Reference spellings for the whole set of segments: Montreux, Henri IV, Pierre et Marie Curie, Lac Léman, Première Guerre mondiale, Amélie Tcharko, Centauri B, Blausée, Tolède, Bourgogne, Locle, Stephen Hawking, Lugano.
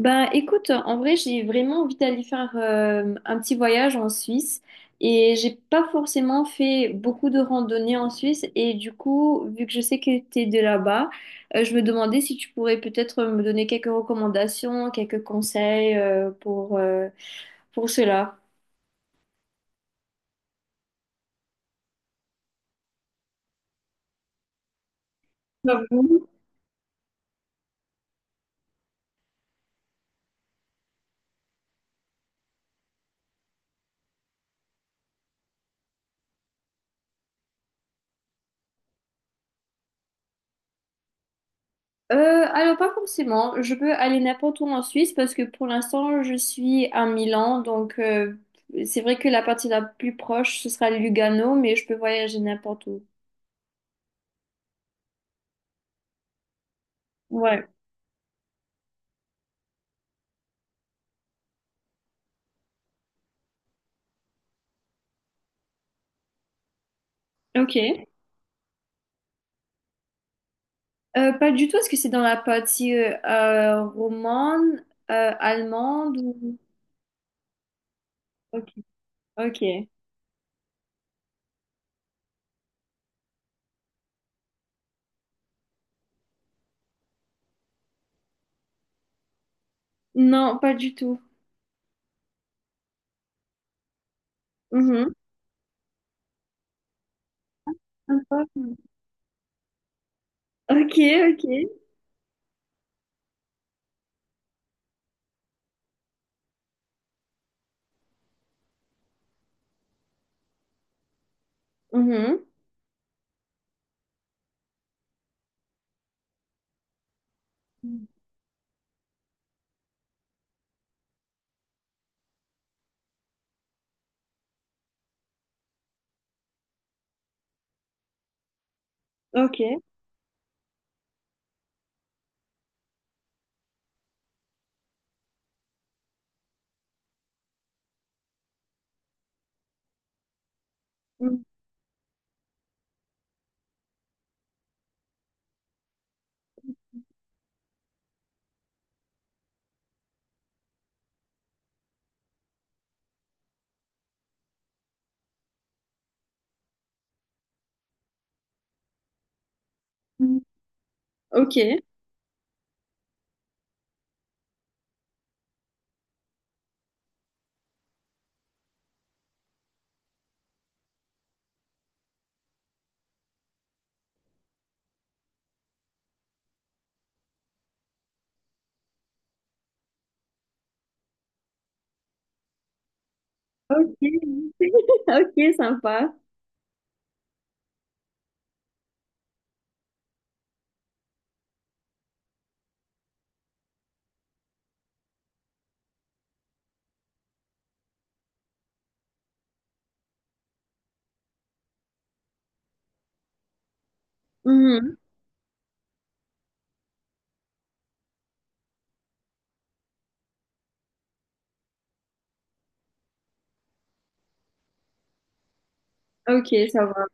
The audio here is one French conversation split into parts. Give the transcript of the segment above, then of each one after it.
Ben écoute, en vrai, j'ai vraiment envie d'aller faire un petit voyage en Suisse et j'ai pas forcément fait beaucoup de randonnées en Suisse et du coup, vu que je sais que t'es de là-bas, je me demandais si tu pourrais peut-être me donner quelques recommandations, quelques conseils pour cela. Bah, oui. Euh, alors pas forcément, je peux aller n'importe où en Suisse parce que pour l'instant je suis à Milan, donc c'est vrai que la partie la plus proche ce sera Lugano, mais je peux voyager n'importe où. Ouais, ok. Pas du tout, est-ce que c'est dans la partie romane, allemande ou... Ok, ok. Non, pas du tout. Mhm. Sympa. Ok, ok. Mhm. Ok. Mhm. Ok. Ok. Ok, sympa. Mhm. Ok, ça va.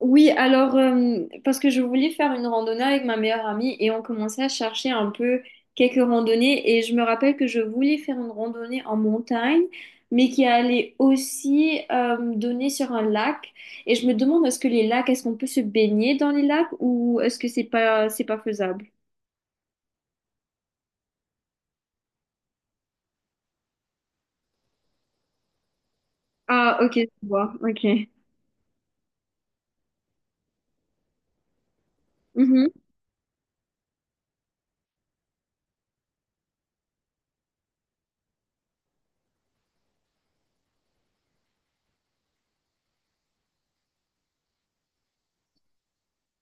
Oui, alors, parce que je voulais faire une randonnée avec ma meilleure amie et on commençait à chercher un peu quelques randonnées et je me rappelle que je voulais faire une randonnée en montagne, mais qui allait aussi donner sur un lac. Et je me demande, est-ce que les lacs, est-ce qu'on peut se baigner dans les lacs ou est-ce que c'est pas faisable? Ah, ok, je vois, ok. Mhm.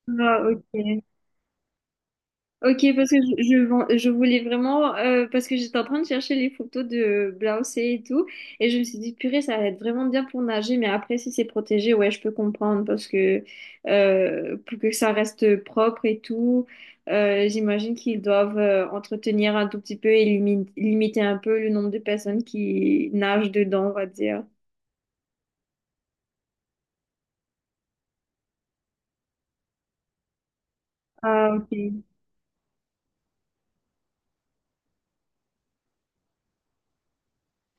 Ah, ok. Ok, parce que je, je voulais vraiment, parce que j'étais en train de chercher les photos de Blausée et tout, et je me suis dit, purée, ça va être vraiment bien pour nager, mais après, si c'est protégé, ouais, je peux comprendre, parce que pour que ça reste propre et tout, j'imagine qu'ils doivent entretenir un tout petit peu et limiter un peu le nombre de personnes qui nagent dedans, on va dire. Ah, ok.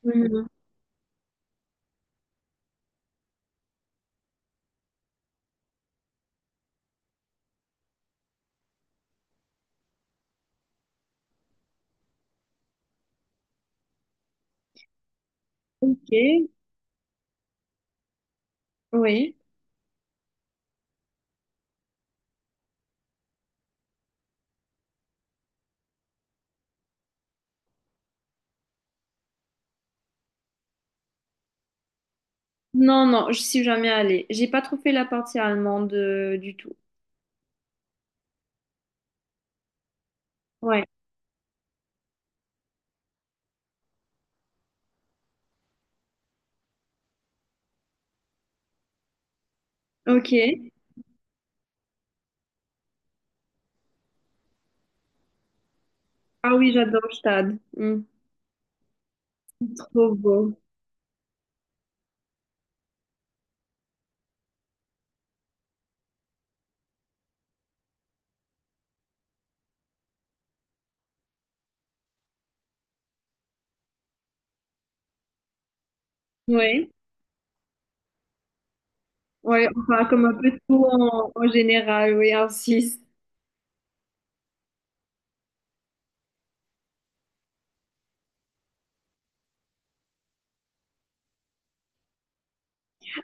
Mhm. Ok, oui. Non, non, je suis jamais allée. J'ai pas trop fait la partie allemande du tout. Ouais. Ok. Ah oui, j'adore Stade. Hmm, trop beau. Oui. Ouais, enfin, comme un peu tout en, en général, oui, en Suisse.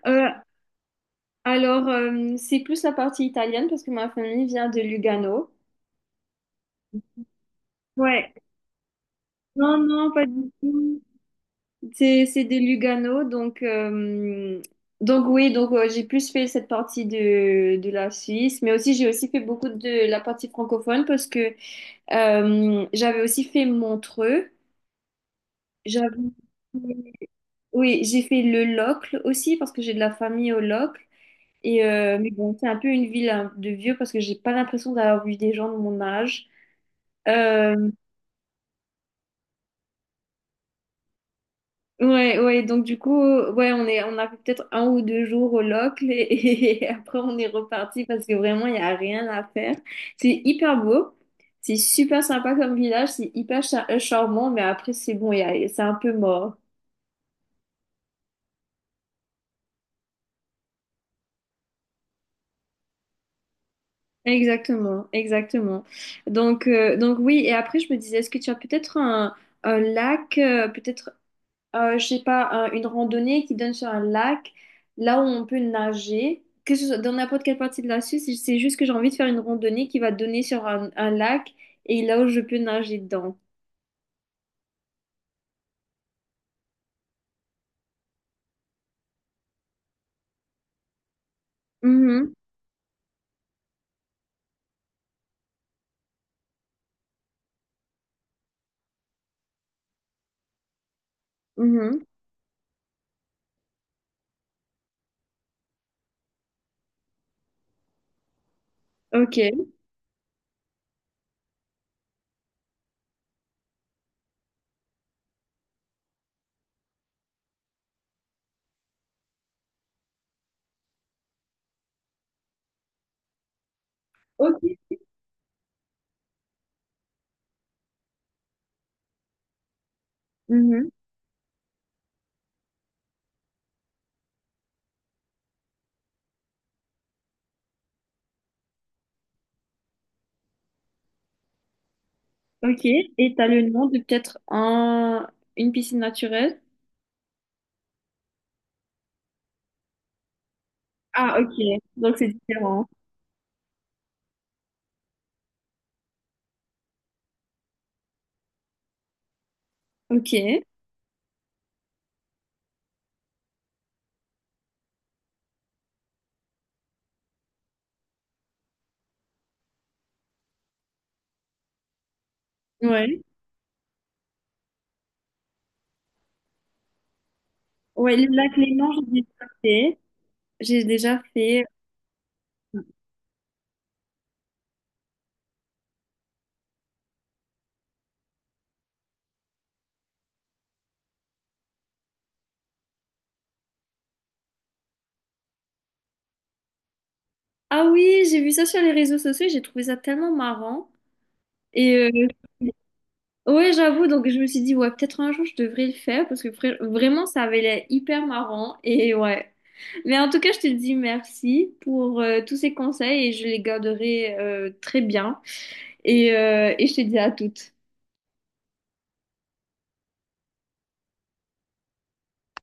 Euh, alors, c'est plus la partie italienne parce que ma famille vient de Lugano. Ouais. Non, non, pas du tout. C'est de Lugano, donc oui, donc j'ai plus fait cette partie de la Suisse, mais aussi j'ai aussi fait beaucoup de la partie francophone parce que j'avais aussi fait Montreux. J'avais oui, j'ai fait le Locle aussi parce que j'ai de la famille au Locle. Et mais bon, c'est un peu une ville hein, de vieux parce que j'ai pas l'impression d'avoir vu des gens de mon âge. Euh, ouais, ouais, donc du coup, ouais, on est, on a fait peut-être un ou deux jours au Locle et, et après on est reparti parce que vraiment il n'y a rien à faire. C'est hyper beau, c'est super sympa comme village, c'est hyper charmant, mais après c'est bon, c'est un peu mort. Exactement, exactement. Donc oui, et après je me disais, est-ce que tu as peut-être un lac, peut-être, je sais pas, une randonnée qui donne sur un lac, là où on peut nager, que ce soit dans n'importe quelle partie de la Suisse, c'est juste que j'ai envie de faire une randonnée qui va donner sur un lac et là où je peux nager dedans. Mhm, mhm, ok, ok, mhm, ok. Et t'as le nom de peut-être un, une piscine naturelle? Ah, ok, donc c'est différent. Ok, ouais. Ouais, le lac Léman, j'ai déjà fait. J'ai déjà fait. Ah oui, j'ai vu ça sur les réseaux sociaux, j'ai trouvé ça tellement marrant. Et ouais, j'avoue, donc je me suis dit, ouais, peut-être un jour je devrais le faire parce que vraiment, ça avait l'air hyper marrant. Et ouais. Mais en tout cas, je te dis merci pour tous ces conseils et je les garderai très bien. Et je te dis à toutes.